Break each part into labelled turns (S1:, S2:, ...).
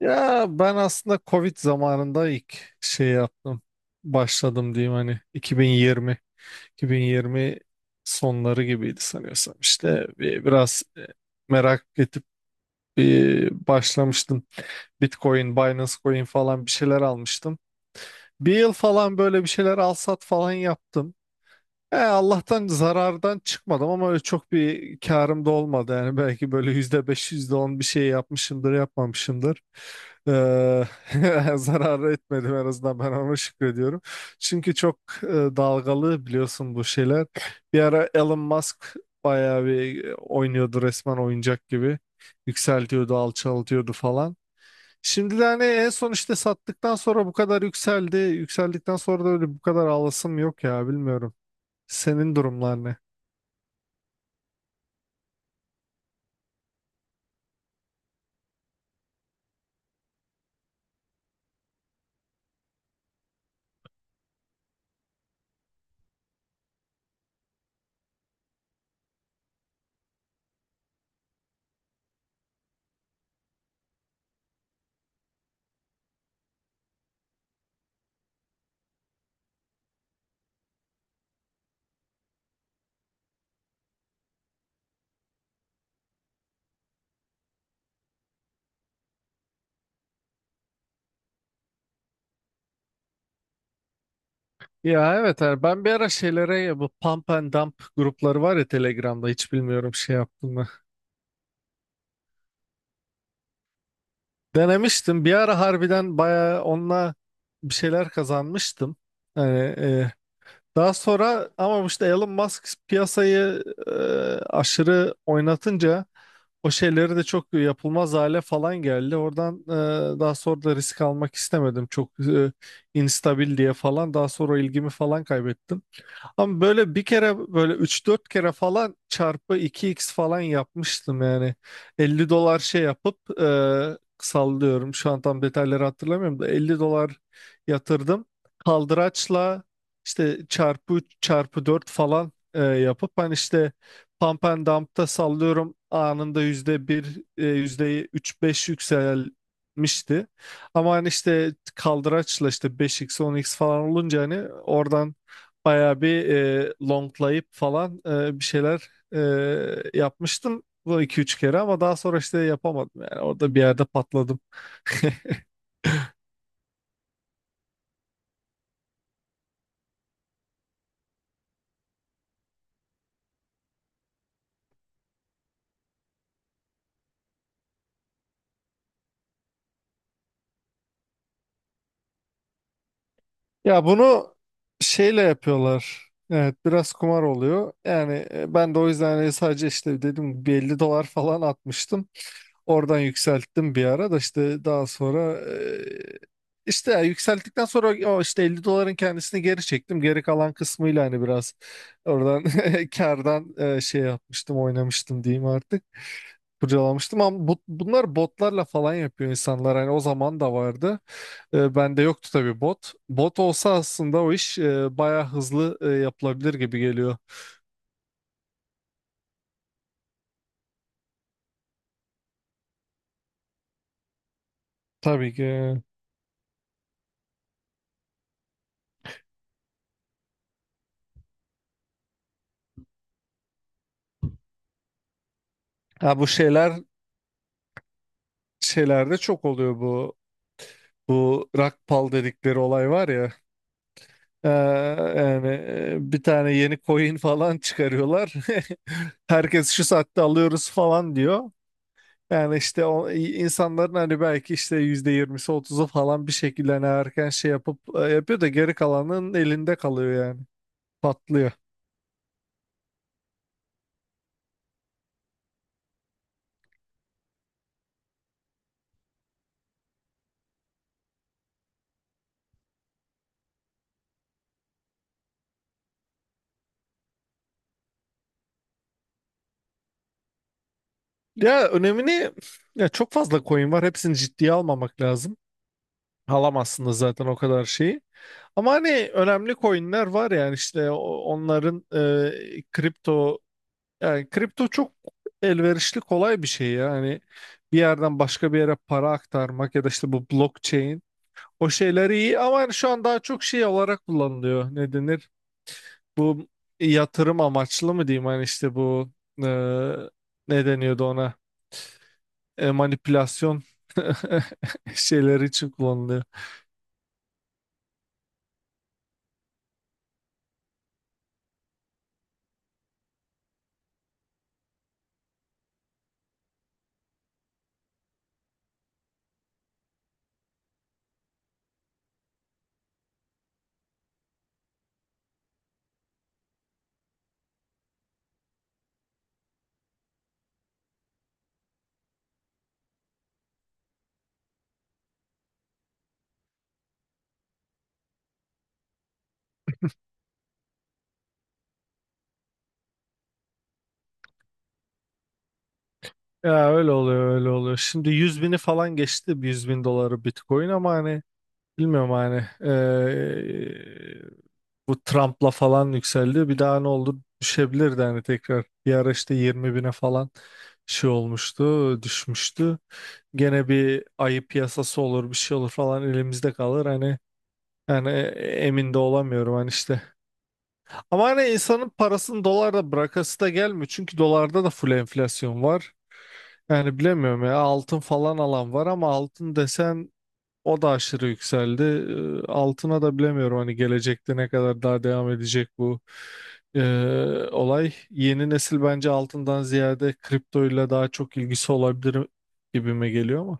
S1: Ya ben aslında Covid zamanında ilk şey yaptım. Başladım diyeyim hani 2020 sonları gibiydi sanıyorsam. İşte biraz merak edip bir başlamıştım. Bitcoin, Binance Coin falan bir şeyler almıştım. Bir yıl falan böyle bir şeyler al sat falan yaptım. Allah'tan zarardan çıkmadım ama öyle çok bir karım da olmadı. Yani belki böyle %5, yüzde on bir şey yapmışımdır, yapmamışımdır. Ee, Zarar etmedim, en azından ben ona şükrediyorum. Çünkü çok dalgalı biliyorsun bu şeyler. Bir ara Elon Musk bayağı bir oynuyordu, resmen oyuncak gibi. Yükseltiyordu, alçaltıyordu falan. Şimdi de hani en son işte sattıktan sonra bu kadar yükseldi. Yükseldikten sonra da öyle bu kadar ağlasım yok ya, bilmiyorum. Senin durumlar ne? Ya evet, ben bir ara şeylere, ya bu pump and dump grupları var ya Telegram'da, hiç bilmiyorum şey yaptım mı. Denemiştim bir ara, harbiden bayağı onunla bir şeyler kazanmıştım. Hani daha sonra ama işte Elon Musk piyasayı aşırı oynatınca o şeyleri de çok yapılmaz hale falan geldi. Oradan daha sonra da risk almak istemedim, çok instabil diye falan daha sonra ilgimi falan kaybettim. Ama böyle bir kere, böyle üç dört kere falan çarpı iki x falan yapmıştım yani. $50 şey yapıp sallıyorum, şu an tam detayları hatırlamıyorum da $50 yatırdım. Kaldıraçla işte çarpı 3 çarpı 4 falan yapıp hani işte pump and dump'ta sallıyorum anında %1 yüzde üç beş yükselmişti. Ama hani işte kaldıraçla işte beş x on x falan olunca hani oradan bayağı bir longlayıp falan bir şeyler yapmıştım. Bu iki üç kere, ama daha sonra işte yapamadım yani. Orada bir yerde patladım. Ya bunu şeyle yapıyorlar. Evet, biraz kumar oluyor. Yani ben de o yüzden hani sadece işte dedim bir $50 falan atmıştım. Oradan yükselttim bir ara da, işte daha sonra işte ya yükselttikten sonra o işte 50 doların kendisini geri çektim. Geri kalan kısmıyla hani biraz oradan kardan şey yapmıştım, oynamıştım diyeyim artık. Kurcalamıştım, ama bunlar botlarla falan yapıyor insanlar. Hani o zaman da vardı. Bende yoktu tabii bot. Bot olsa aslında o iş bayağı hızlı yapılabilir gibi geliyor. Tabii ki. Ha, bu şeyler, şeylerde çok oluyor, bu rakpal dedikleri olay var ya. E, yani bir tane yeni coin falan çıkarıyorlar. Herkes şu saatte alıyoruz falan diyor. Yani işte o insanların hani belki işte yüzde yirmisi, otuzu falan bir şekilde hani erken şey yapıp yapıyor da, geri kalanın elinde kalıyor yani. Patlıyor. Ya önemini, ya çok fazla coin var. Hepsini ciddiye almamak lazım. Alamazsın da zaten o kadar şeyi. Ama hani önemli coinler var yani işte onların kripto, yani kripto çok elverişli, kolay bir şey yani, bir yerden başka bir yere para aktarmak ya da işte bu blockchain, o şeyler iyi, ama hani şu an daha çok şey olarak kullanılıyor, ne denir bu, yatırım amaçlı mı diyeyim, hani işte bu e, ne deniyordu ona, manipülasyon şeyleri için kullanılıyor. Ya öyle oluyor, öyle oluyor. Şimdi 100 bini falan geçti, 100 bin doları Bitcoin, ama hani bilmiyorum hani e, bu Trump'la falan yükseldi. Bir daha ne oldu, düşebilirdi hani tekrar. Bir ara işte 20 bine falan şey olmuştu, düşmüştü. Gene bir ayı piyasası olur, bir şey olur falan, elimizde kalır hani, yani emin de olamıyorum hani işte. Ama hani insanın parasını dolarda bırakası da gelmiyor. Çünkü dolarda da full enflasyon var. Yani bilemiyorum ya, altın falan alan var ama altın desen o da aşırı yükseldi. Altına da bilemiyorum hani gelecekte ne kadar daha devam edecek bu olay. Yeni nesil bence altından ziyade kriptoyla daha çok ilgisi olabilir gibime geliyor ama.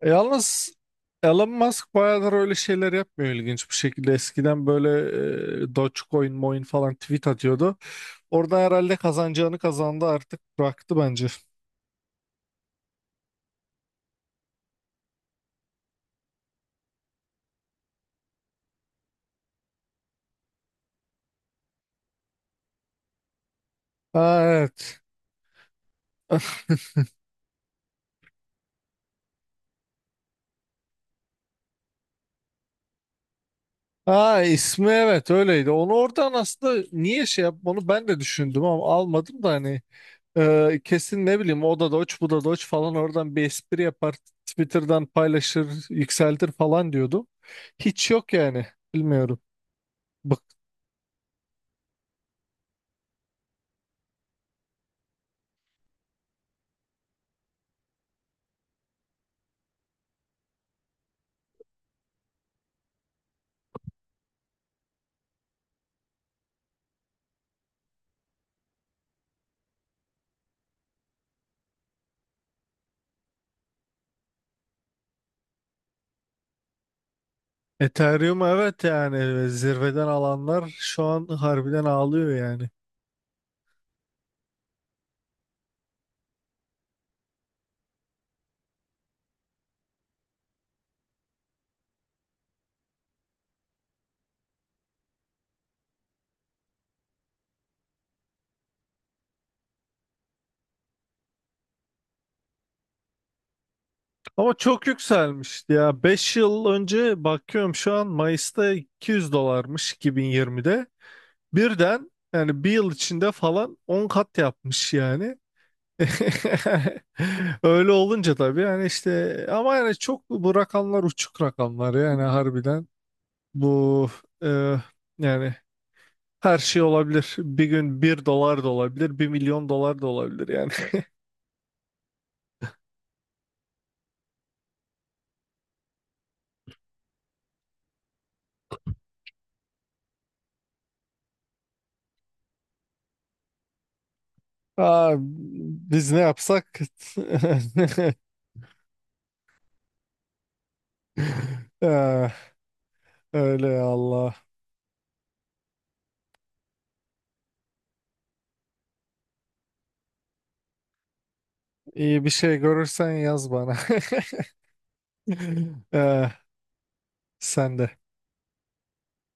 S1: Yalnız Elon Musk bayağıdır öyle şeyler yapmıyor, ilginç bir şekilde. Eskiden böyle Dogecoin, moin falan tweet atıyordu. Orada herhalde kazanacağını kazandı, artık bıraktı bence. Ha, evet. Ha, ismi evet öyleydi. Onu oradan aslında niye şey yap, onu ben de düşündüm ama almadım da hani, kesin ne bileyim, o da Doge, bu da Doge falan, oradan bir espri yapar, Twitter'dan paylaşır, yükseltir falan diyordu. Hiç yok yani, bilmiyorum. Ethereum, evet yani zirveden alanlar şu an harbiden ağlıyor yani. Ama çok yükselmişti ya. 5 yıl önce bakıyorum, şu an Mayıs'ta 200 dolarmış, 2020'de. Birden yani bir yıl içinde falan 10 kat yapmış yani. Öyle olunca tabii yani işte, ama yani çok bu rakamlar, uçuk rakamlar yani, harbiden bu e, yani her şey olabilir. Bir gün 1 dolar da olabilir, 1 milyon dolar da olabilir yani. Aa, biz ne yapsak? Ee, öyle ya Allah. İyi bir şey görürsen yaz bana. Ee, sen de.